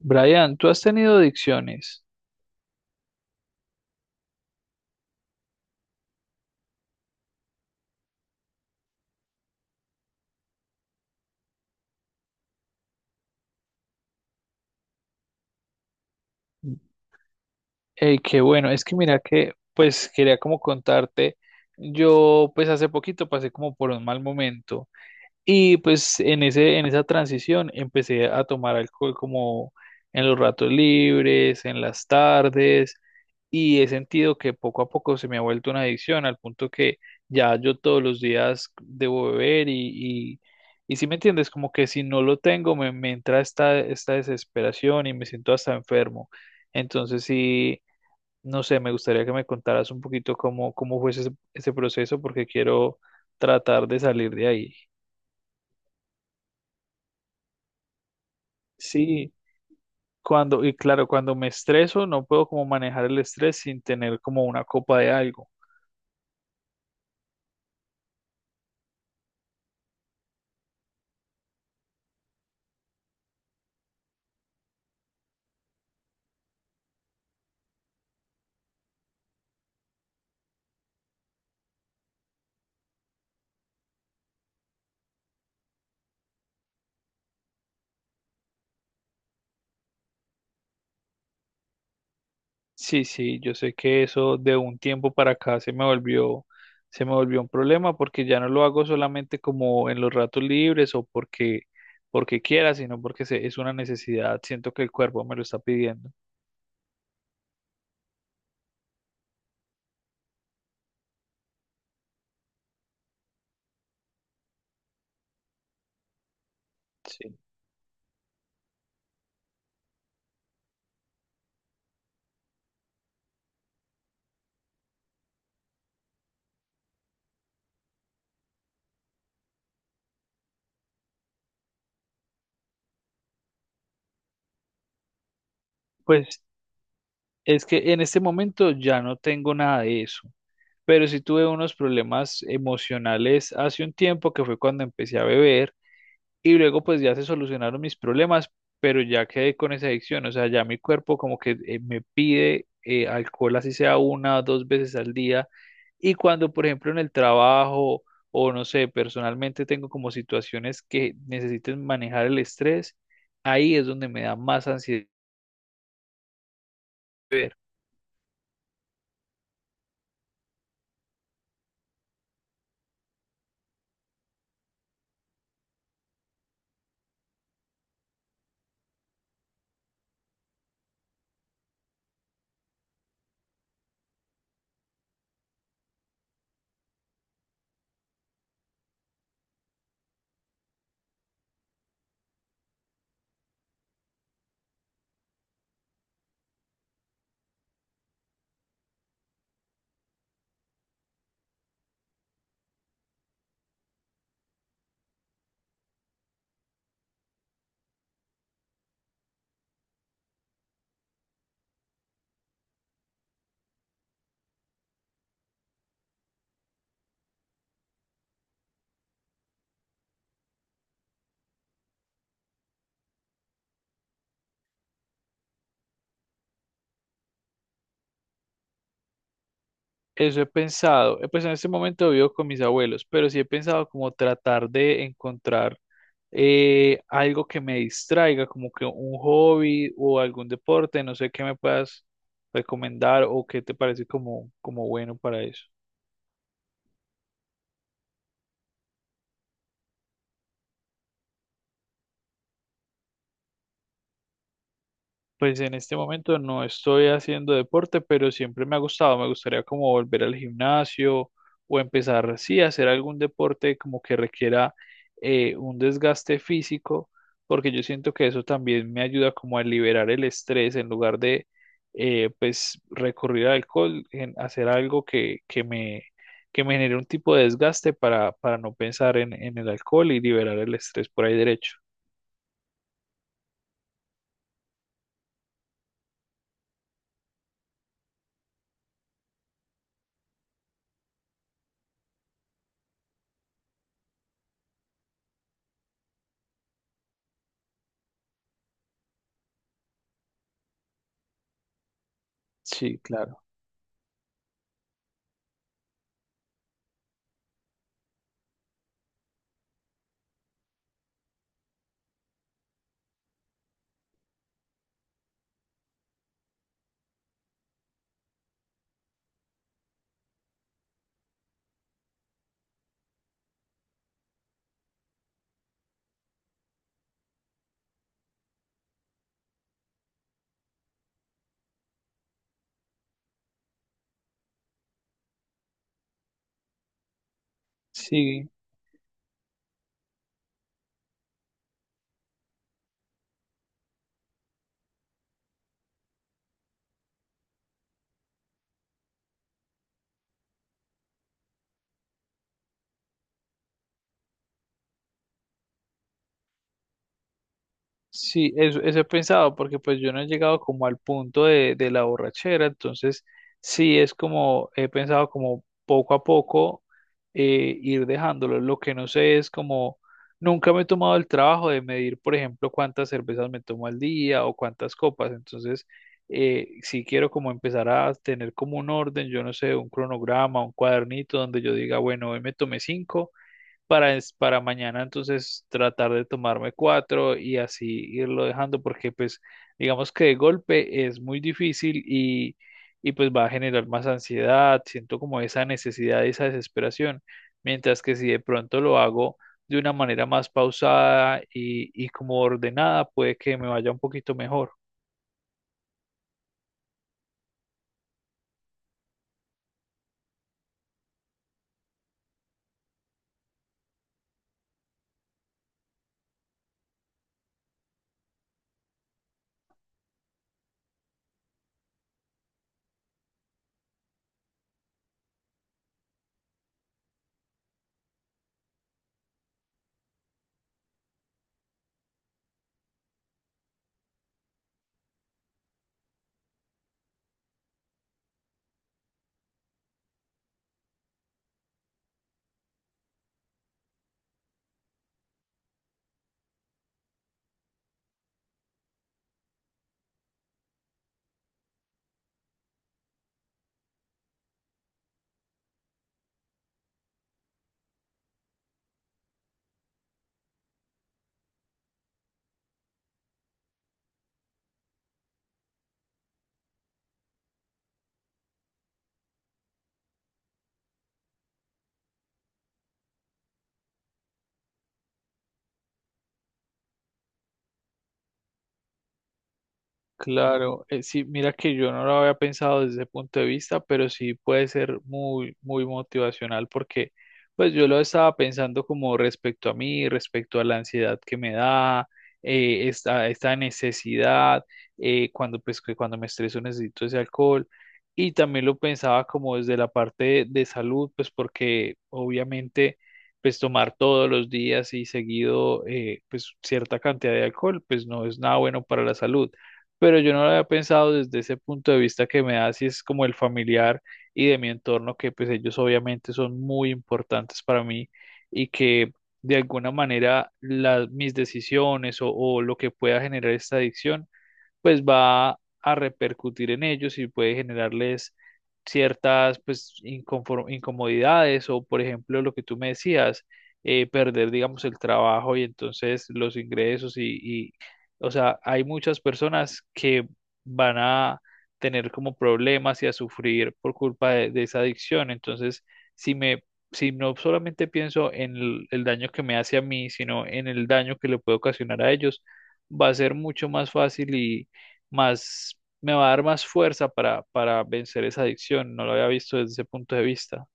Brian, ¿tú has tenido adicciones? Qué bueno, es que mira que, pues quería como contarte, yo pues hace poquito pasé como por un mal momento. Y pues en esa transición empecé a tomar alcohol como en los ratos libres, en las tardes, y he sentido que poco a poco se me ha vuelto una adicción, al punto que ya yo todos los días debo beber y si me entiendes, como que si no lo tengo me entra esta desesperación y me siento hasta enfermo. Entonces sí, no sé, me gustaría que me contaras un poquito cómo fue ese proceso, porque quiero tratar de salir de ahí. Sí. Cuando, y claro, cuando me estreso, no puedo como manejar el estrés sin tener como una copa de algo. Sí, sí, yo sé que eso de un tiempo para acá se me volvió un problema porque ya no lo hago solamente como en los ratos libres porque quiera, sino porque es una necesidad. Siento que el cuerpo me lo está pidiendo. Sí. Pues es que en este momento ya no tengo nada de eso. Pero sí tuve unos problemas emocionales hace un tiempo que fue cuando empecé a beber y luego pues ya se solucionaron mis problemas, pero ya quedé con esa adicción, o sea, ya mi cuerpo como que me pide alcohol así sea una o dos veces al día y cuando por ejemplo en el trabajo o no sé, personalmente tengo como situaciones que necesiten manejar el estrés, ahí es donde me da más ansiedad. Ver. Eso he pensado, pues en este momento vivo con mis abuelos, pero sí he pensado como tratar de encontrar algo que me distraiga, como que un hobby o algún deporte, no sé qué me puedas recomendar o qué te parece como, como bueno para eso. Pues en este momento no estoy haciendo deporte, pero siempre me ha gustado. Me gustaría como volver al gimnasio o empezar, sí, a hacer algún deporte como que requiera un desgaste físico, porque yo siento que eso también me ayuda como a liberar el estrés en lugar de, pues, recurrir al alcohol, en hacer algo que me genere un tipo de desgaste para no pensar en el alcohol y liberar el estrés por ahí derecho. Sí, claro. Sí. Sí, eso he pensado, porque pues yo no he llegado como al punto de la borrachera, entonces sí es como he pensado como poco a poco ir dejándolo. Lo que no sé es como nunca me he tomado el trabajo de medir, por ejemplo, cuántas cervezas me tomo al día o cuántas copas, entonces sí quiero como empezar a tener como un orden, yo no sé, un cronograma, un cuadernito donde yo diga, bueno, hoy me tomé cinco para, para mañana entonces tratar de tomarme cuatro y así irlo dejando porque pues digamos que de golpe es muy difícil y pues va a generar más ansiedad, siento como esa necesidad, esa desesperación, mientras que si de pronto lo hago de una manera más pausada y como ordenada puede que me vaya un poquito mejor. Claro, sí, mira que yo no lo había pensado desde ese punto de vista, pero sí puede ser muy, muy motivacional porque pues yo lo estaba pensando como respecto a mí, respecto a la ansiedad que me da, esta necesidad, cuando pues que cuando me estreso necesito ese alcohol y también lo pensaba como desde la parte de salud, pues porque obviamente pues tomar todos los días y seguido pues cierta cantidad de alcohol pues no es nada bueno para la salud, pero yo no lo había pensado desde ese punto de vista que me da, si es como el familiar y de mi entorno, que pues ellos obviamente son muy importantes para mí y que de alguna manera las mis decisiones o lo que pueda generar esta adicción pues va a repercutir en ellos y puede generarles ciertas pues incomodidades o por ejemplo lo que tú me decías, perder digamos el trabajo y entonces los ingresos y o sea, hay muchas personas que van a tener como problemas y a sufrir por culpa de esa adicción. Entonces, si me, si no solamente pienso en el daño que me hace a mí, sino en el daño que le puede ocasionar a ellos, va a ser mucho más fácil y, más, me va a dar más fuerza para vencer esa adicción. No lo había visto desde ese punto de vista.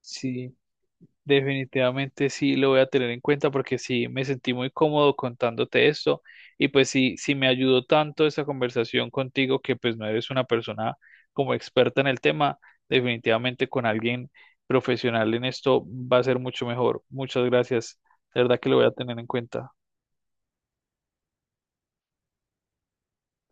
Sí, definitivamente sí lo voy a tener en cuenta porque sí me sentí muy cómodo contándote esto y pues sí, sí me ayudó tanto esa conversación contigo, que pues no eres una persona como experta en el tema, definitivamente con alguien profesional en esto va a ser mucho mejor. Muchas gracias. De verdad que lo voy a tener en cuenta.